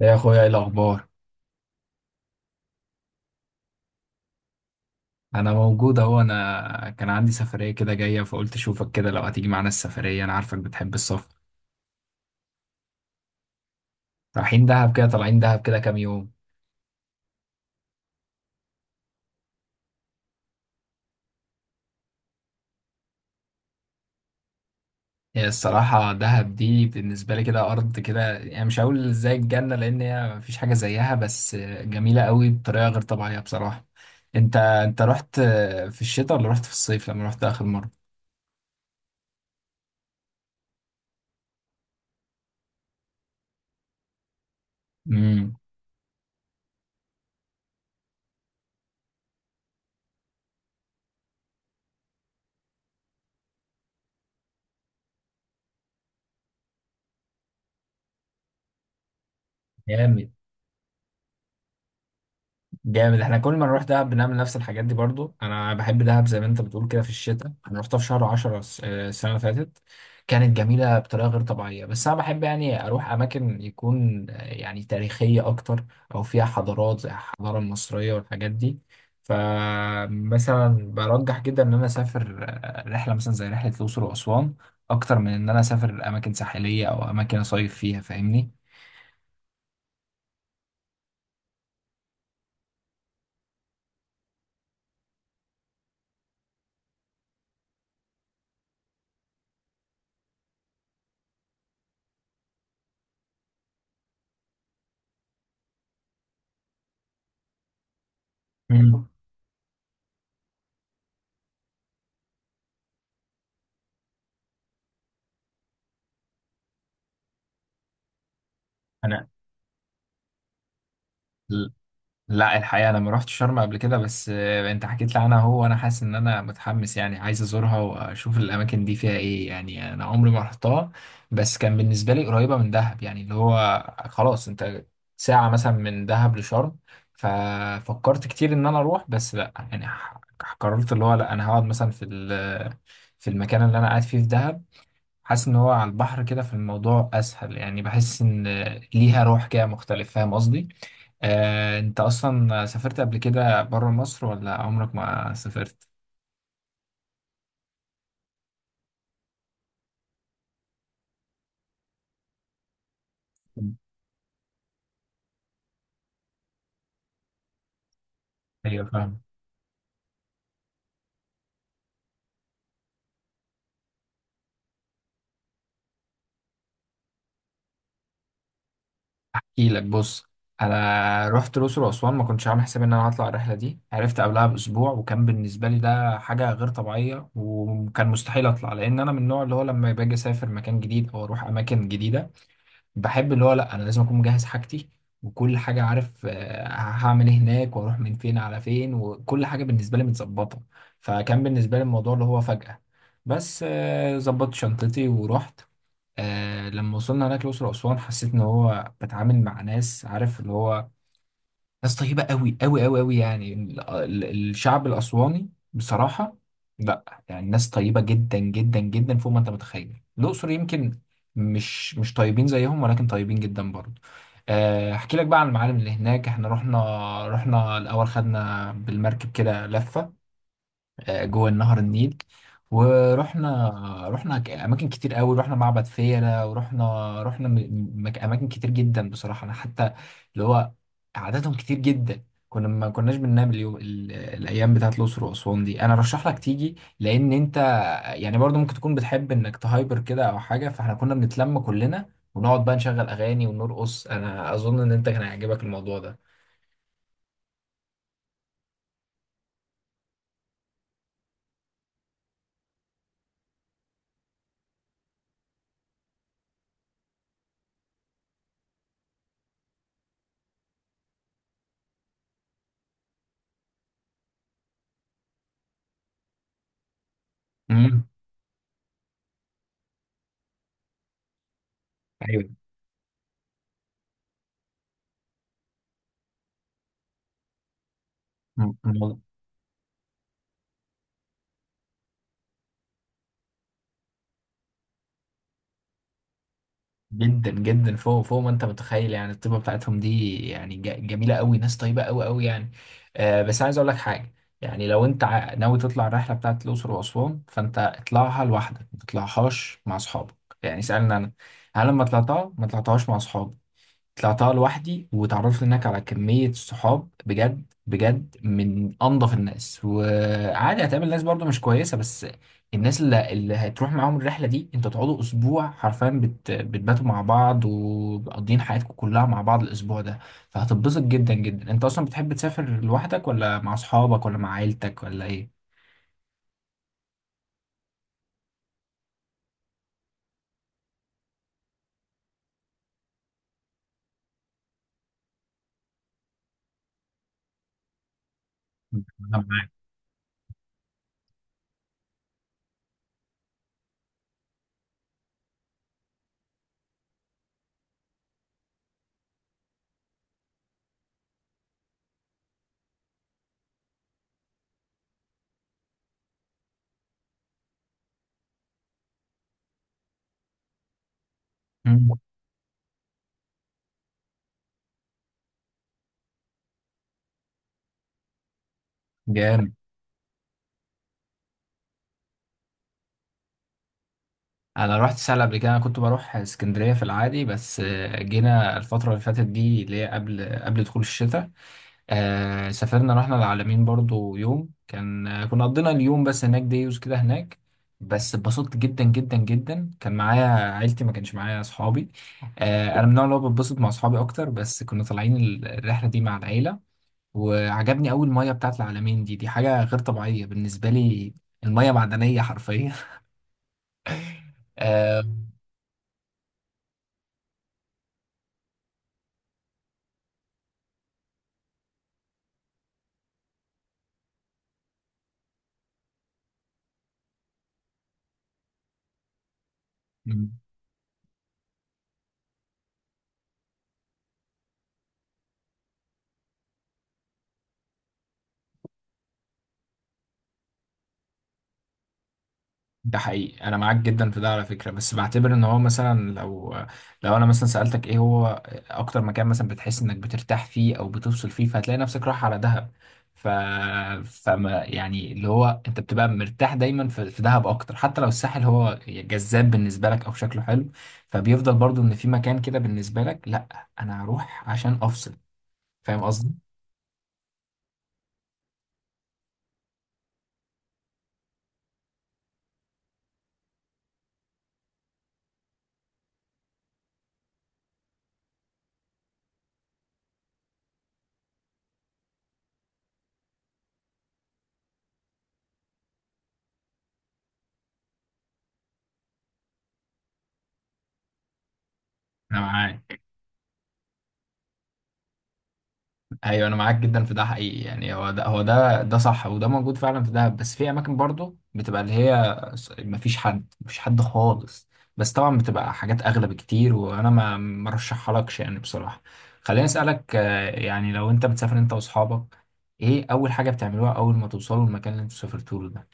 يا اخويا، ايه الاخبار؟ انا موجود اهو. انا كان عندي سفريه كده جايه، فقلت اشوفك كده لو هتيجي معانا السفريه. انا عارفك بتحب السفر. رايحين دهب كده، طالعين دهب كده كام يوم. هي الصراحه دهب دي بالنسبه لي كده ارض كده، يعني مش هقول زي الجنه لان هي مفيش حاجه زيها، بس جميله قوي بطريقه غير طبيعيه بصراحه. انت رحت في الشتاء ولا رحت في الصيف لما رحت اخر مره؟ امم جامد جامد، احنا كل ما نروح دهب بنعمل نفس الحاجات دي. برضو انا بحب دهب زي ما انت بتقول كده في الشتاء. انا رحتها في شهر 10 السنه اللي فاتت. كانت جميله بطريقه غير طبيعيه، بس انا بحب يعني اروح اماكن يكون يعني تاريخيه اكتر، او فيها حضارات زي الحضاره المصريه والحاجات دي. فمثلا برجح جدا ان انا اسافر رحله مثلا زي رحله الاقصر واسوان، اكتر من ان انا اسافر اماكن ساحليه او اماكن اصيف فيها. فاهمني؟ مم. انا لا الحقيقة أنا ما رحت شرم قبل كده، بس أنت حكيت لي عنها. هو وأنا حاسس إن أنا متحمس، يعني عايز أزورها وأشوف الأماكن دي فيها إيه. يعني أنا عمري ما رحتها، بس كان بالنسبة لي قريبة من دهب، يعني اللي هو خلاص أنت ساعة مثلا من دهب لشرم. ففكرت كتير إن أنا أروح، بس لا يعني قررت اللي هو لا، أنا هقعد مثلا في المكان اللي أنا قاعد فيه في دهب. حاسس إن هو على البحر كده في الموضوع أسهل. يعني بحس إن ليها روح كده مختلف. فاهم قصدي؟ انت اصلا سافرت قبل كده بره مصر ولا عمرك ما سافرت؟ ايوه فاهم. احكيلك، بص، انا رحت الاقصر واسوان. ما كنتش عامل حسابي ان انا هطلع الرحله دي، عرفت قبلها باسبوع، وكان بالنسبه لي ده حاجه غير طبيعيه. وكان مستحيل اطلع لان انا من النوع اللي هو لما باجي اسافر مكان جديد او اروح اماكن جديده، بحب اللي هو لا، انا لازم اكون مجهز حاجتي وكل حاجه، عارف هعمل ايه هناك واروح من فين على فين، وكل حاجه بالنسبه لي متظبطه. فكان بالنسبه لي الموضوع اللي هو فجأة، بس ظبطت شنطتي ورحت. لما وصلنا هناك الأقصر وأسوان، حسيت إن هو بتعامل مع ناس عارف اللي هو ناس طيبة قوي قوي قوي قوي، يعني الشعب الأسواني بصراحة. لا يعني ناس طيبة جدا جدا جدا فوق ما أنت متخيل. الأقصر يمكن مش طيبين زيهم، ولكن طيبين جدا برضه. أحكي لك بقى عن المعالم اللي هناك. إحنا رحنا الأول خدنا بالمركب كده لفة جوه نهر النيل. ورحنا اماكن كتير قوي، رحنا معبد فيلة، ورحنا رحنا م- م- مك- اماكن كتير جدا بصراحة. انا حتى اللي هو عددهم كتير جدا، كنا ما كناش بننام الايام بتاعت الاقصر واسوان دي. انا رشح لك تيجي، لان انت يعني برضو ممكن تكون بتحب انك تهايبر كده او حاجة، فاحنا كنا بنتلم كلنا ونقعد بقى نشغل اغاني ونرقص. انا اظن ان انت كان هيعجبك الموضوع ده. امم. ايوه. جدا جدا فوق فوق ما انت متخيل، يعني الطيبه بتاعتهم دي، يعني جميله قوي. ناس طيبه قوي قوي يعني. آه، بس عايز اقول لك حاجه. يعني لو انت ناوي تطلع الرحله بتاعت الاقصر واسوان، فانت اطلعها لوحدك، ما تطلعهاش مع اصحابك. يعني سالني انا، هل لما طلعتها ما طلعتهاش مع اصحابي؟ طلعتها لوحدي، وتعرفت هناك على كمية صحاب، بجد بجد، من أنظف الناس. وعادي هتقابل ناس برضو مش كويسة، بس الناس اللي هتروح معاهم الرحلة دي، انتوا تقعدوا أسبوع حرفيا بتباتوا مع بعض ومقضيين حياتكم كلها مع بعض الأسبوع ده. فهتتبسط جدا جدا. انت أصلا بتحب تسافر لوحدك ولا مع أصحابك ولا مع عيلتك ولا إيه؟ أنا معاك. مم. جامد. انا رحت سهل قبل كده، انا كنت بروح اسكندريه في العادي، بس جينا الفتره اللي فاتت دي، اللي هي قبل دخول الشتاء، سافرنا، رحنا العلمين برضو يوم. كان كنا قضينا اليوم بس هناك، ديوز كده هناك، بس اتبسطت جدا جدا جدا. كان معايا عيلتي، ما كانش معايا اصحابي. انا من النوع اللي هو بتبسط مع اصحابي اكتر، بس كنا طالعين الرحله دي مع العيله. وعجبني اول ميه بتاعت العلمين دي، دي حاجه غير طبيعيه بالنسبه لي. الميه معدنيه حرفيا. آه، ده حقيقي، انا معاك جدا في ده على فكره. بس بعتبر ان هو مثلا، لو انا مثلا سالتك، ايه هو اكتر مكان مثلا بتحس انك بترتاح فيه او بتفصل فيه، فهتلاقي نفسك رايح على دهب. ف فما يعني اللي هو انت بتبقى مرتاح دايما في دهب اكتر، حتى لو الساحل هو جذاب بالنسبه لك او شكله حلو. فبيفضل برضو ان في مكان كده بالنسبه لك، لا انا هروح عشان افصل. فاهم قصدي؟ انا معاك. ايوه انا معاك جدا في ده حقيقي. يعني هو ده صح، وده موجود فعلا في دهب. بس في اماكن برضه بتبقى اللي هي ما فيش حد مفيش حد خالص. بس طبعا بتبقى حاجات اغلى بكتير، وانا ما مرشحها لكش يعني بصراحه. خليني اسالك يعني لو انت بتسافر انت واصحابك، ايه اول حاجه بتعملوها اول ما توصلوا المكان اللي انتوا سافرتوا له ده؟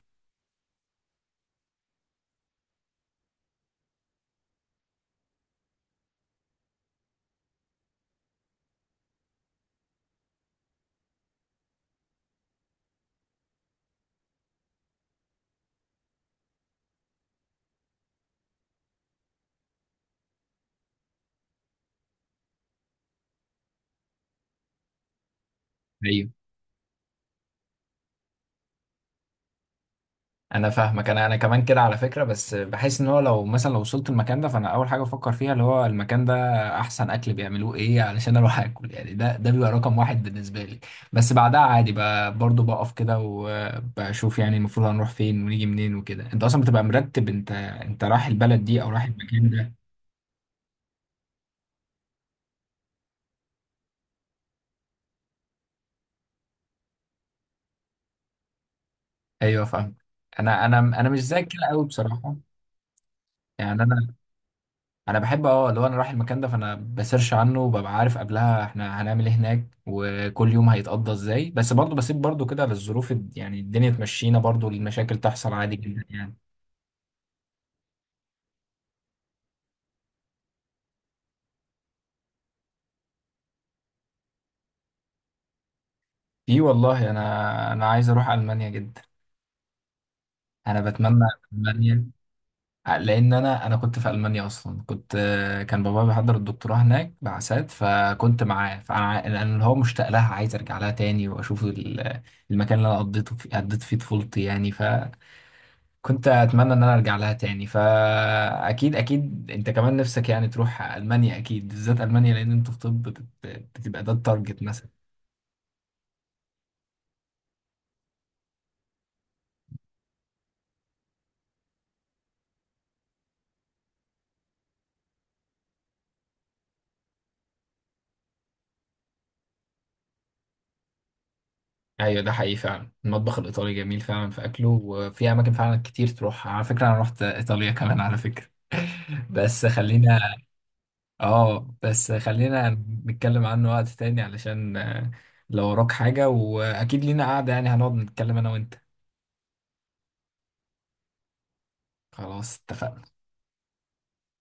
انا فاهمك. انا كمان كده على فكره. بس بحس ان هو لو مثلا لو وصلت المكان ده، فانا اول حاجه بفكر فيها اللي هو المكان ده احسن اكل بيعملوه ايه علشان اروح اكل. يعني ده بيبقى رقم واحد بالنسبه لي. بس بعدها عادي برضه بقف كده وبشوف يعني المفروض هنروح فين ونيجي منين وكده. انت اصلا بتبقى مرتب، انت رايح البلد دي او رايح المكان ده؟ ايوه فاهم. انا مش زيك كده قوي بصراحه. يعني انا بحب اه اللي هو انا رايح المكان ده فانا بسيرش عنه وببقى عارف قبلها احنا هنعمل ايه هناك، وكل يوم هيتقضى ازاي. بس برضه بسيب برضه كده للظروف يعني الدنيا تمشينا برضه، المشاكل تحصل عادي جدا يعني. في والله. انا عايز اروح المانيا جدا. انا بتمنى. المانيا لان انا كنت في المانيا اصلا. كنت كان بابا بيحضر الدكتوراه هناك بعثات، فكنت معاه. فانا أنا اللي هو مشتاق لها، عايز ارجع لها تاني واشوف المكان اللي انا قضيت فيه طفولتي يعني. كنت اتمنى ان انا ارجع لها تاني. فاكيد اكيد انت كمان نفسك يعني تروح المانيا اكيد، بالذات المانيا لان انتوا في طب بتبقى ده التارجت مثلا. ايوه ده حقيقي فعلا، المطبخ الايطالي جميل فعلا في اكله، وفي اماكن فعلا كتير تروح. على فكره انا رحت ايطاليا كمان على فكره. بس خلينا اه بس خلينا نتكلم عنه وقت تاني، علشان لو وراك حاجه. واكيد لينا قعده يعني، هنقعد نتكلم انا وانت. خلاص اتفقنا.